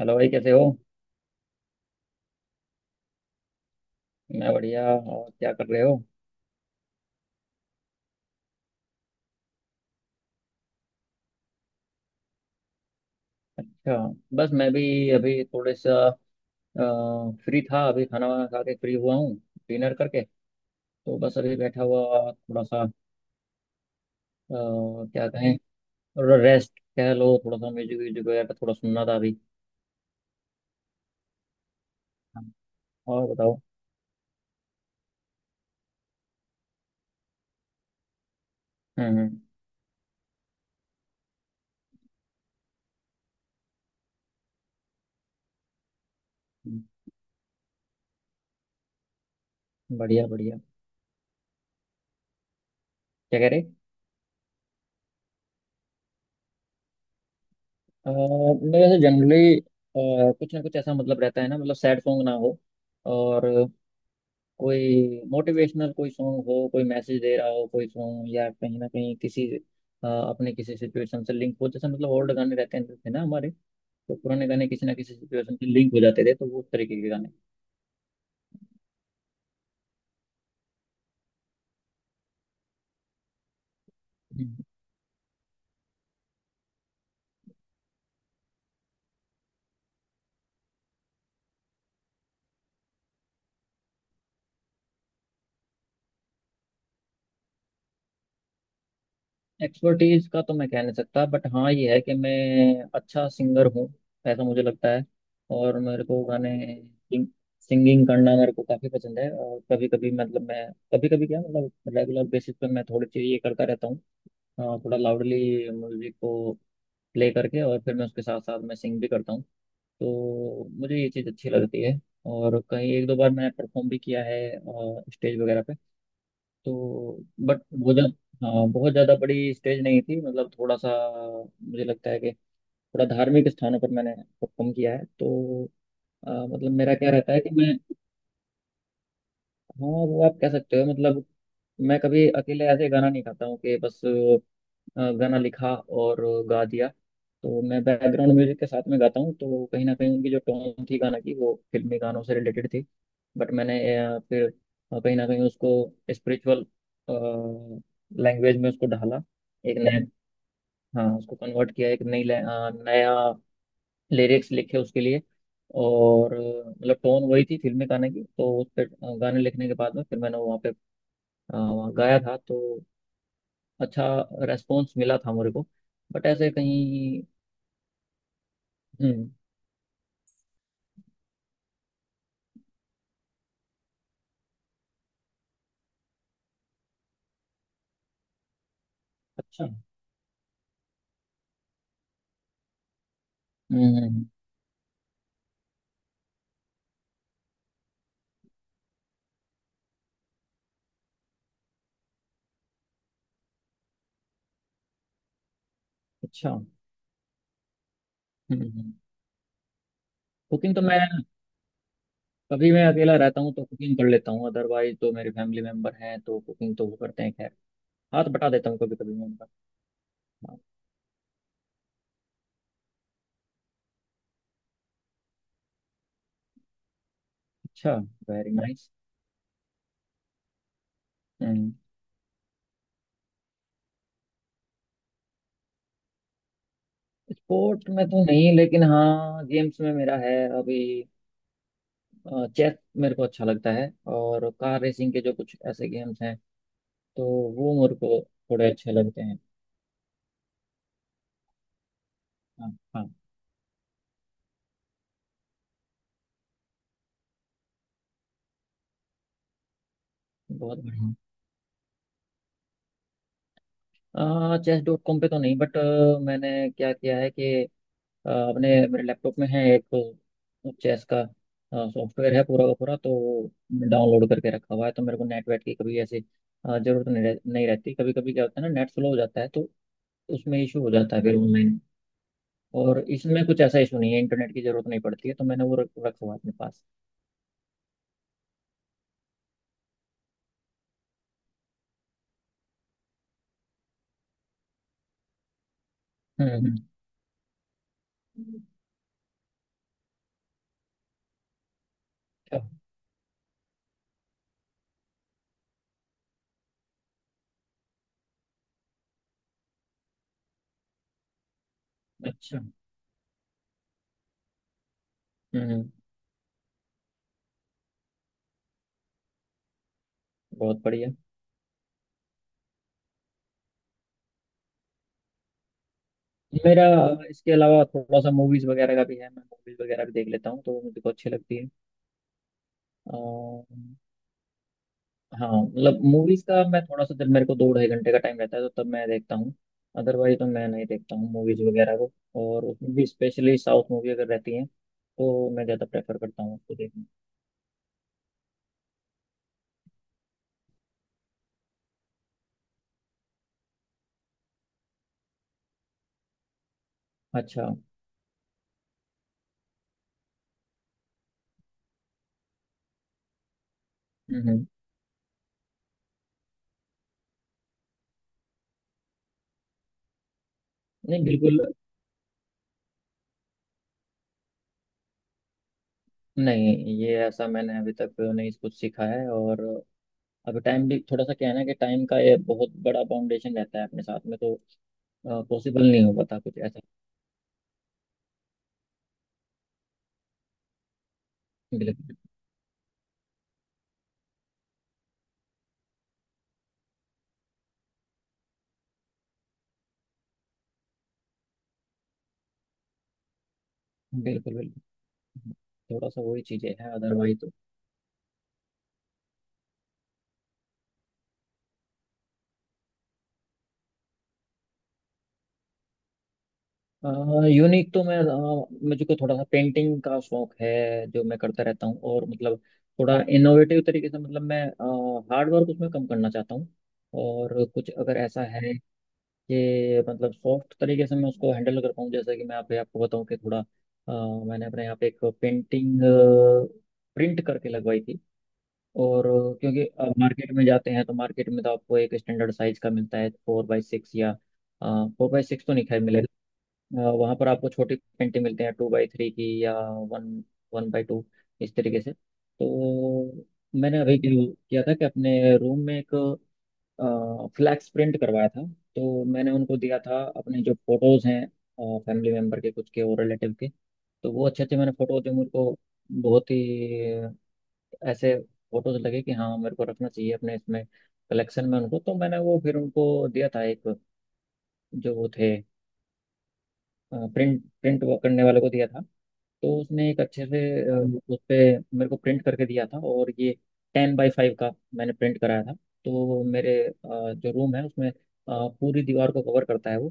Hello भाई, कैसे हो? मैं बढ़िया। और क्या कर रहे हो? अच्छा। बस मैं भी अभी थोड़े सा फ्री था। अभी खाना वाना खा के फ्री हुआ हूँ, डिनर करके। तो बस अभी बैठा हुआ थोड़ा सा, क्या कहें। थोड़ा रेस्ट कह लो, थोड़ा सा म्यूजिक व्यूजिक वगैरह थोड़ा सुनना था अभी। और बताओ। हम्म। हम्म। हम्म, बढ़िया बढ़िया। क्या कह रहे? मैं वैसे जनरली कुछ ना कुछ ऐसा मतलब रहता है ना, मतलब सैड सॉन्ग ना हो और कोई मोटिवेशनल कोई सॉन्ग हो, कोई मैसेज दे रहा हो कोई सॉन्ग, या कहीं ना कहीं किसी अपने किसी सिचुएशन से लिंक हो। जैसे मतलब ओल्ड गाने रहते हैं थे ना हमारे, तो पुराने गाने किसी ना किसी सिचुएशन से लिंक हो जाते थे, तो वो उस तरीके के गाने। एक्सपर्टीज का तो मैं कह नहीं सकता, बट हाँ ये है कि मैं अच्छा सिंगर हूँ, ऐसा मुझे लगता है। और मेरे को गाने, सिंगिंग करना मेरे को काफ़ी पसंद है। और कभी कभी मतलब मैं, कभी कभी क्या मतलब रेगुलर बेसिस पे मैं थोड़ी चीज़ ये करता रहता हूँ। हाँ, थोड़ा लाउडली म्यूजिक को प्ले करके और फिर मैं उसके साथ साथ मैं सिंग भी करता हूँ। तो मुझे ये चीज़ अच्छी लगती है। और कहीं एक दो बार मैंने परफॉर्म भी किया है, स्टेज वगैरह पे। तो बट बहुत ज़्यादा बड़ी स्टेज नहीं थी, मतलब थोड़ा सा। मुझे लगता है कि थोड़ा धार्मिक स्थानों पर मैंने परफॉर्म किया है। तो मतलब मेरा क्या रहता है कि मैं, हाँ वो आप कह सकते हो। मतलब मैं कभी अकेले ऐसे गाना नहीं गाता हूँ कि बस गाना लिखा और गा दिया। तो मैं बैकग्राउंड म्यूजिक के साथ में गाता हूँ, तो कहीं ना कहीं उनकी जो टोन थी गाना की वो फिल्मी गानों से रिलेटेड थी। बट मैंने फिर कहीं ना कहीं उसको स्पिरिचुअल लैंग्वेज में उसको ढाला। एक नया, हाँ उसको कन्वर्ट किया। एक नया लिरिक्स लिखे उसके लिए। और मतलब टोन वही थी फिल्मी गाने की, तो उस पर गाने लिखने के बाद में फिर मैंने वहाँ पे गाया था। तो अच्छा रेस्पॉन्स मिला था मेरे को। बट ऐसे कहीं। हम्म। अच्छा। हम्म। अच्छा। हम्म। कुकिंग तो मैं, कभी मैं अकेला रहता हूँ तो कुकिंग कर लेता हूँ, अदरवाइज तो मेरे फैमिली मेंबर हैं तो कुकिंग तो वो करते हैं। खैर हाथ बटा देता हूँ कभी कभी मैं उनका। हाँ। अच्छा। Very nice. हम्म। स्पोर्ट में तो नहीं, लेकिन हाँ गेम्स में मेरा है अभी। चेस मेरे को अच्छा लगता है। और कार रेसिंग के जो कुछ ऐसे गेम्स हैं, तो वो मेरे को थोड़े अच्छे लगते हैं। हाँ, हाँ। बहुत बढ़िया। chess.com पे तो नहीं, बट मैंने क्या किया है कि अपने मेरे लैपटॉप में है एक चेस का सॉफ्टवेयर है पूरा का पूरा। तो डाउनलोड करके रखा हुआ है, तो मेरे को नेट वेट की कभी ऐसी जरूरत नहीं रहती। कभी कभी क्या होता है ना, नेट स्लो हो जाता है तो उसमें इशू हो जाता है फिर ऑनलाइन। और इसमें कुछ ऐसा इशू नहीं है, इंटरनेट की जरूरत नहीं पड़ती है, तो मैंने वो रखा हुआ है अपने पास। हम्म। हम्म। अच्छा अच्छा। हम्म। बहुत बढ़िया। मेरा इसके अलावा थोड़ा सा मूवीज वगैरह का भी है। मैं मूवीज वगैरह भी देख लेता हूँ, तो वो मुझे को अच्छी लगती है। आ, हाँ मतलब मूवीज का मैं थोड़ा सा, जब मेरे को दो ढाई घंटे का टाइम रहता है तो तब मैं देखता हूँ। अदरवाइज तो मैं नहीं देखता हूँ मूवीज वगैरह को। और उसमें भी स्पेशली साउथ मूवी अगर रहती है तो मैं ज़्यादा प्रेफर करता हूँ उसको देखना। अच्छा। हम्म हम्म। नहीं, बिल्कुल नहीं, ये ऐसा मैंने अभी तक नहीं कुछ सीखा है। और अभी टाइम भी थोड़ा सा क्या है ना, कि टाइम का ये बहुत बड़ा फाउंडेशन रहता है अपने साथ में, तो पॉसिबल नहीं हो पाता कुछ ऐसा। बिल्कुल। बिल्कुल बिल्कुल। थोड़ा सा वही चीजें हैं अदरवाइज तो। यूनिक तो मैं मुझको थोड़ा सा पेंटिंग का शौक है, जो मैं करता रहता हूँ। और मतलब थोड़ा इनोवेटिव तरीके से मतलब मैं हार्ड वर्क उसमें कम करना चाहता हूँ। और कुछ अगर ऐसा है कि मतलब सॉफ्ट तरीके से मैं उसको हैंडल कर पाऊँ। जैसे कि मैं आप आपको बताऊँ कि थोड़ा, मैंने अपने यहाँ पे एक पेंटिंग प्रिंट करके लगवाई थी। और क्योंकि आप मार्केट में जाते हैं तो मार्केट में तो आपको एक स्टैंडर्ड साइज का मिलता है, 4 बाई 6 या, 4 बाई 6 तो नहीं खैर मिलेगा। वहां पर आपको छोटी पेंटिंग मिलते हैं 2 बाई 3 की, या वन 1 बाई 2, इस तरीके से। तो मैंने अभी क्या किया था कि अपने रूम में एक फ्लैक्स प्रिंट करवाया था। तो मैंने उनको दिया था अपने जो फोटोज हैं, फैमिली मेम्बर के कुछ के और रिलेटिव के। तो वो अच्छे अच्छे मैंने फोटो जो मुझको बहुत ही ऐसे फोटोज लगे कि हाँ मेरे को रखना चाहिए अपने इसमें कलेक्शन में उनको, तो मैंने वो फिर उनको दिया था एक, जो वो थे प्रिंट प्रिंट करने वाले को दिया था। तो उसने एक अच्छे से उस पे मेरे को प्रिंट करके दिया था। और ये 10 बाई 5 का मैंने प्रिंट कराया था। तो मेरे जो रूम है उसमें, पूरी दीवार को कवर करता है वो।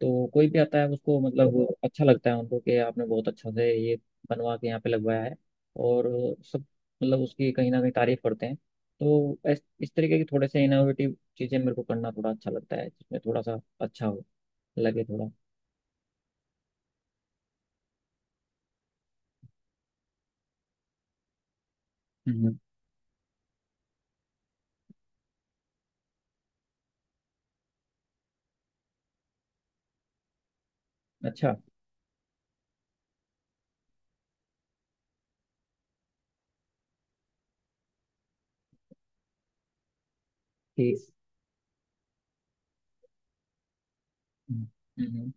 तो कोई भी आता है उसको मतलब वो अच्छा लगता है उनको कि आपने बहुत अच्छा से ये बनवा के यहाँ पे लगवाया है। और सब मतलब उसकी कहीं ना कहीं तारीफ करते हैं। तो इस तरीके की थोड़े से इनोवेटिव चीज़ें मेरे को करना थोड़ा अच्छा लगता है, जिसमें थोड़ा सा अच्छा हो, लगे थोड़ा। हम्म। अच्छा। ठीक। हम्म, हम्म,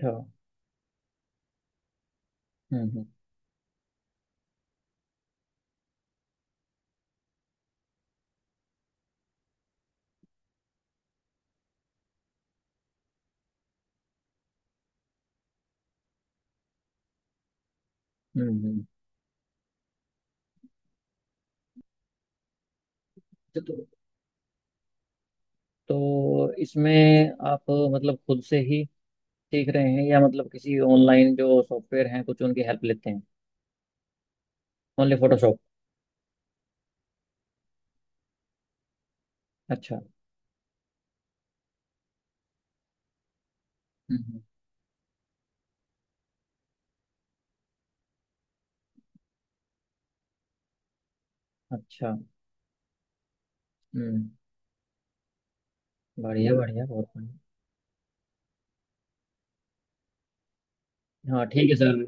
अच्छा। हम्म हम्म हम्म, हम्म। तो, तो इसमें आप मतलब खुद से ही सीख रहे हैं, या मतलब किसी ऑनलाइन जो सॉफ्टवेयर हैं कुछ उनकी हेल्प लेते हैं? Only Photoshop? अच्छा। हम्म। अच्छा। हम्म। बढ़िया बढ़िया बहुत बढ़िया। हाँ ठीक है सर।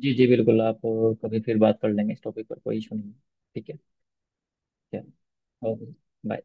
जी जी बिल्कुल। आप कभी फिर बात कर लेंगे इस टॉपिक पर, कोई इशू नहीं है। ठीक है। चलो। ओके। बाय।